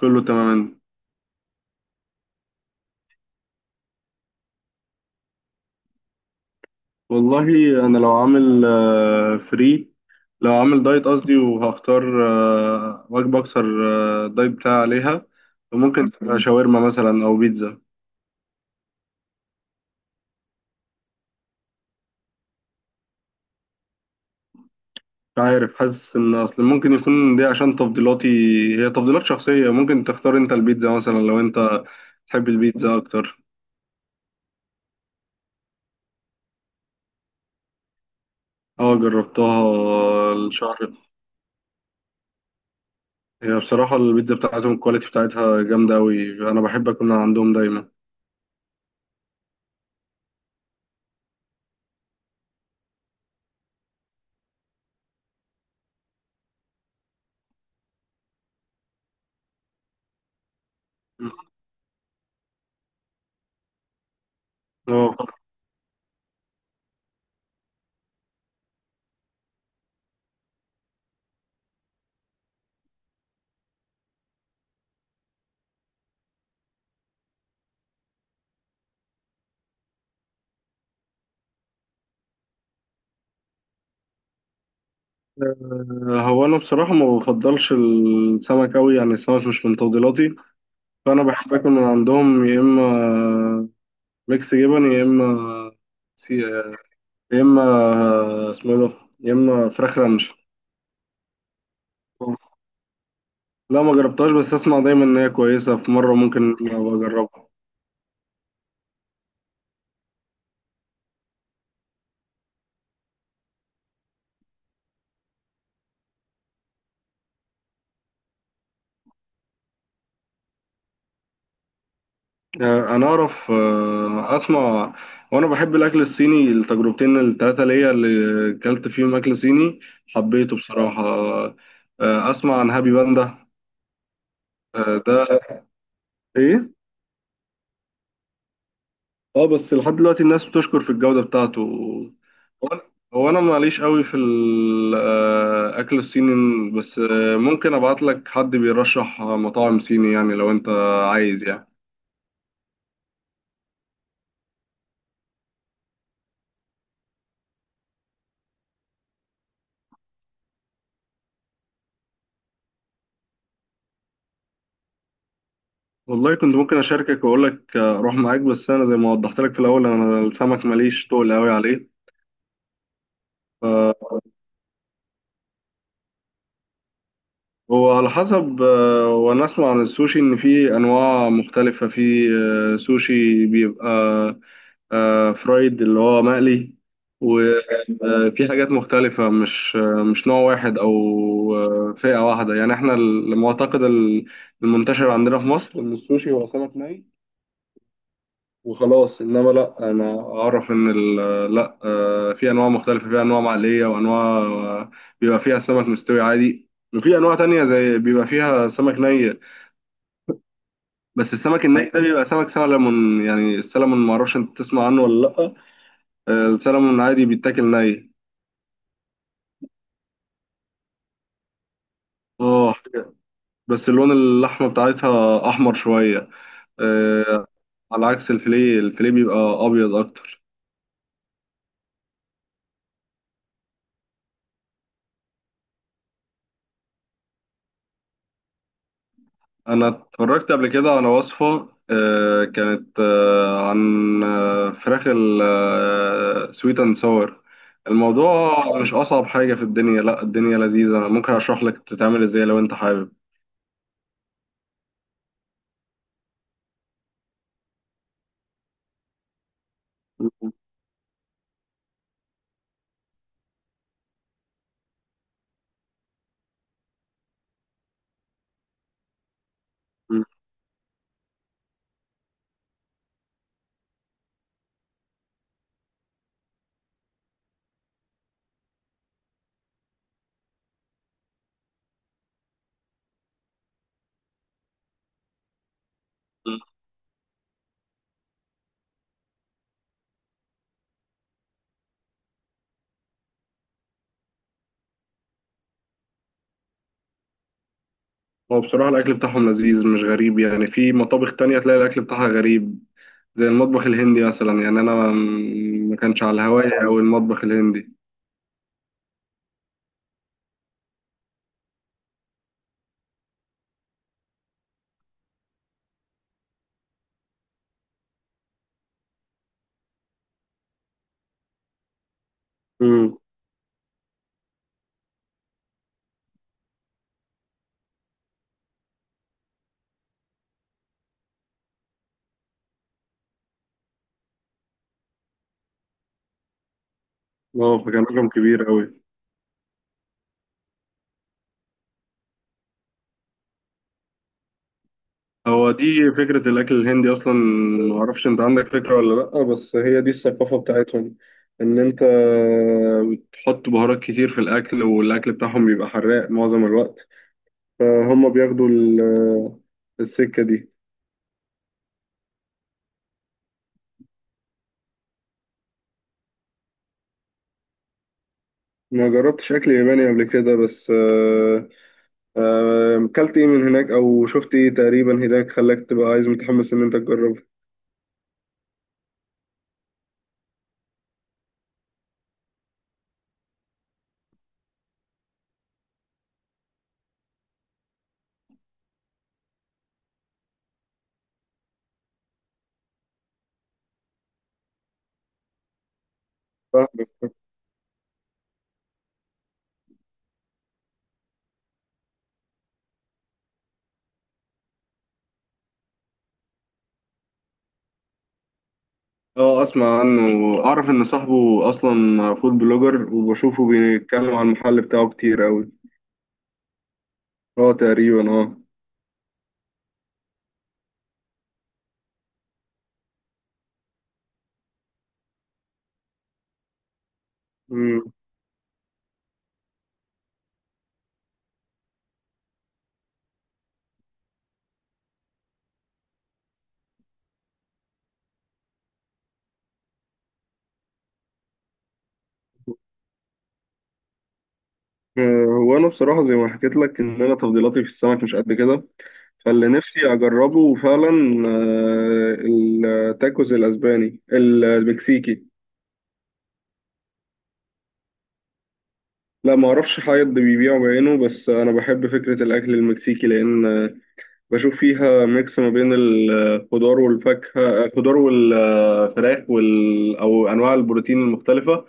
كله تمام. والله انا لو عامل فري، لو عامل دايت قصدي، وهختار وجبه اكثر، دايت بتاعي عليها، فممكن تبقى شاورما مثلا او بيتزا. مش عارف، حاسس ان اصل ممكن يكون دي عشان تفضيلاتي. هي تفضيلات شخصيه، ممكن تختار انت البيتزا مثلا لو انت تحب البيتزا اكتر. اه جربتها الشهر. هي بصراحه البيتزا بتاعتهم الكواليتي بتاعتها جامده قوي، انا بحب اكون عندهم دايما. اه. هو انا بصراحه ما بفضلش السمك قوي، يعني السمك مش من تفضيلاتي. فانا بحب اكل من عندهم يا اما ميكس جبن يا اما سي... يا اما اسمه إيه ده، يا اما فراخ رانش. لا ما جربتهاش، بس اسمع دايما ان هي كويسه، في مره ممكن أبقى اجربها. انا اعرف، اسمع. وانا بحب الاكل الصيني، التجربتين التلاته ليا اللي اكلت فيهم اكل صيني حبيته بصراحه. اسمع عن هابي باندا. آه، ده ايه. اه بس لحد دلوقتي الناس بتشكر في الجودة بتاعته. هو انا هو أنا معليش قوي في الاكل الصيني، بس ممكن ابعت لك حد بيرشح مطاعم صيني يعني لو انت عايز يعني. والله كنت ممكن اشاركك واقول لك اروح معاك، بس انا زي ما وضحت لك في الاول انا السمك ماليش تقل قوي عليه. هو على حسب، وانا اسمع عن السوشي ان في انواع مختلفة. في سوشي بيبقى فرايد اللي هو مقلي، وفي حاجات مختلفة، مش مش نوع واحد او فئة واحدة. يعني احنا المعتقد المنتشر عندنا في مصر ان السوشي هو سمك ني وخلاص، انما لا، انا اعرف ان ال... لا في انواع مختلفه، في انواع معليه وانواع بيبقى فيها سمك مستوي عادي، وفي انواع تانية زي بيبقى فيها سمك ني. بس السمك الني ده بيبقى سمك سلمون، يعني السلمون ما اعرفش انت تسمع عنه ولا لا. السلمون عادي بيتاكل ني. اه بس اللون اللحمه بتاعتها احمر شويه. آه، على عكس الفيليه بيبقى ابيض اكتر. انا اتفرجت قبل كده على وصفة، آه، كانت آه، عن آه، فراخ السويت اند ساور. الموضوع مش اصعب حاجة في الدنيا، لا الدنيا لذيذة، انا ممكن اشرح لك تتعمل ازاي لو انت حابب. هو بصراحة الاكل بتاعهم لذيذ مش غريب، يعني في مطابخ تانية تلاقي الاكل بتاعها غريب، زي المطبخ الهندي مثلا. يعني انا ما كانش على هواية او المطبخ الهندي. امم. اه فكان رقم كبير قوي. هو دي فكرة الأكل الهندي أصلا، معرفش أنت عندك فكرة ولا لأ، بس هي دي الثقافة بتاعتهم. إن أنت بتحط بهارات كتير في الأكل، والأكل بتاعهم بيبقى حراق معظم الوقت. فهم السكة دي. ما جربتش أكل ياباني قبل كده، بس أكلت إيه من هناك أو شفت إيه تقريبا هناك خلاك تبقى عايز متحمس إن أنت تجربه. اه اسمع عنه، اعرف ان صاحبه اصلا فود بلوجر وبشوفه بيتكلم عن المحل بتاعه كتير قوي. اه تقريبا اه. مم. هو انا بصراحه زي ما حكيت لك ان انا تفضيلاتي في السمك مش قد كده. فاللي نفسي اجربه فعلا آه، التاكوز الاسباني المكسيكي. لا ما اعرفش حد بيبيعه بعينه، بس انا بحب فكره الاكل المكسيكي، لان بشوف فيها ميكس ما بين الخضار والفاكهة، الخضار والفراخ أو أنواع البروتين المختلفة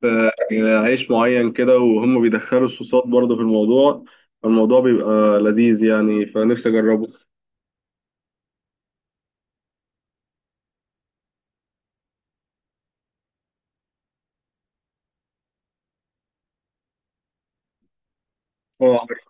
في عيش معين كده، وهم بيدخلوا الصوصات برضه في الموضوع. الموضوع بيبقى لذيذ يعني، فنفسي أجربه. اه عارف.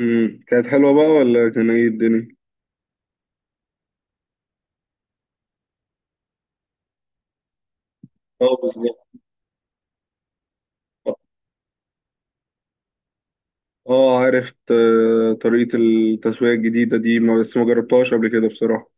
مم. كانت حلوة بقى ولا كان ايه الدنيا؟ اه بالظبط. اه عرفت طريقة التسوية الجديدة دي بس ما جربتهاش قبل كده بصراحة.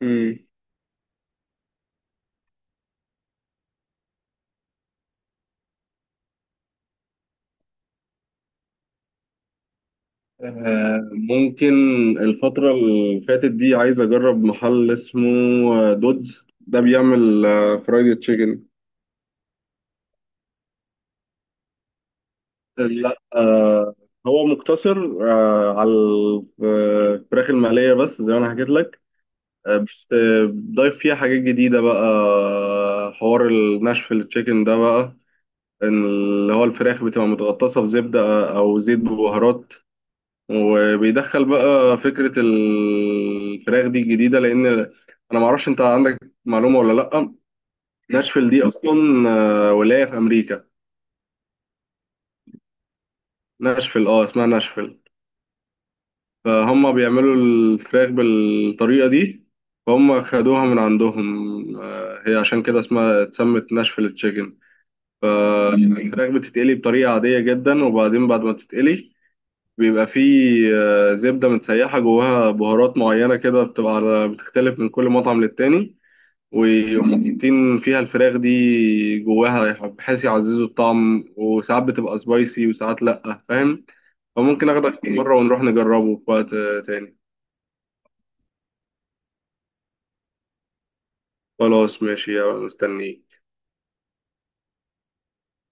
مم. ممكن، الفترة اللي فاتت دي عايز أجرب محل اسمه دودز، ده بيعمل فرايد تشيكن. لا هو مقتصر على الفراخ المقلية بس زي ما أنا حكيت لك. بس ضايف فيها حاجات جديدة بقى، حوار الناشفيل تشيكن ده بقى، إن اللي هو الفراخ بتبقى متغطسة بزبدة أو زيت ببهارات، وبيدخل بقى فكرة الفراخ دي الجديدة. لأن أنا معرفش أنت عندك معلومة ولا لأ، ناشفيل دي أصلا ولاية في أمريكا. ناشفيل، أه اسمها ناشفيل. فهم بيعملوا الفراخ بالطريقة دي، فهم خدوها من عندهم، هي عشان كده اسمها اتسمت ناشفيل تشيكن. فالفراخ بتتقلي بطريقة عادية جدا، وبعدين بعد ما تتقلي بيبقى فيه زبدة متسيحة جواها بهارات معينة كده، بتبقى على بتختلف من كل مطعم للتاني. وحاطين فيها الفراخ دي جواها بحيث يعززوا الطعم، وساعات بتبقى سبايسي وساعات لأ، فاهم. فممكن آخدك مرة ونروح نجربه في وقت تاني. خلاص ماشي، أنا مستنيك.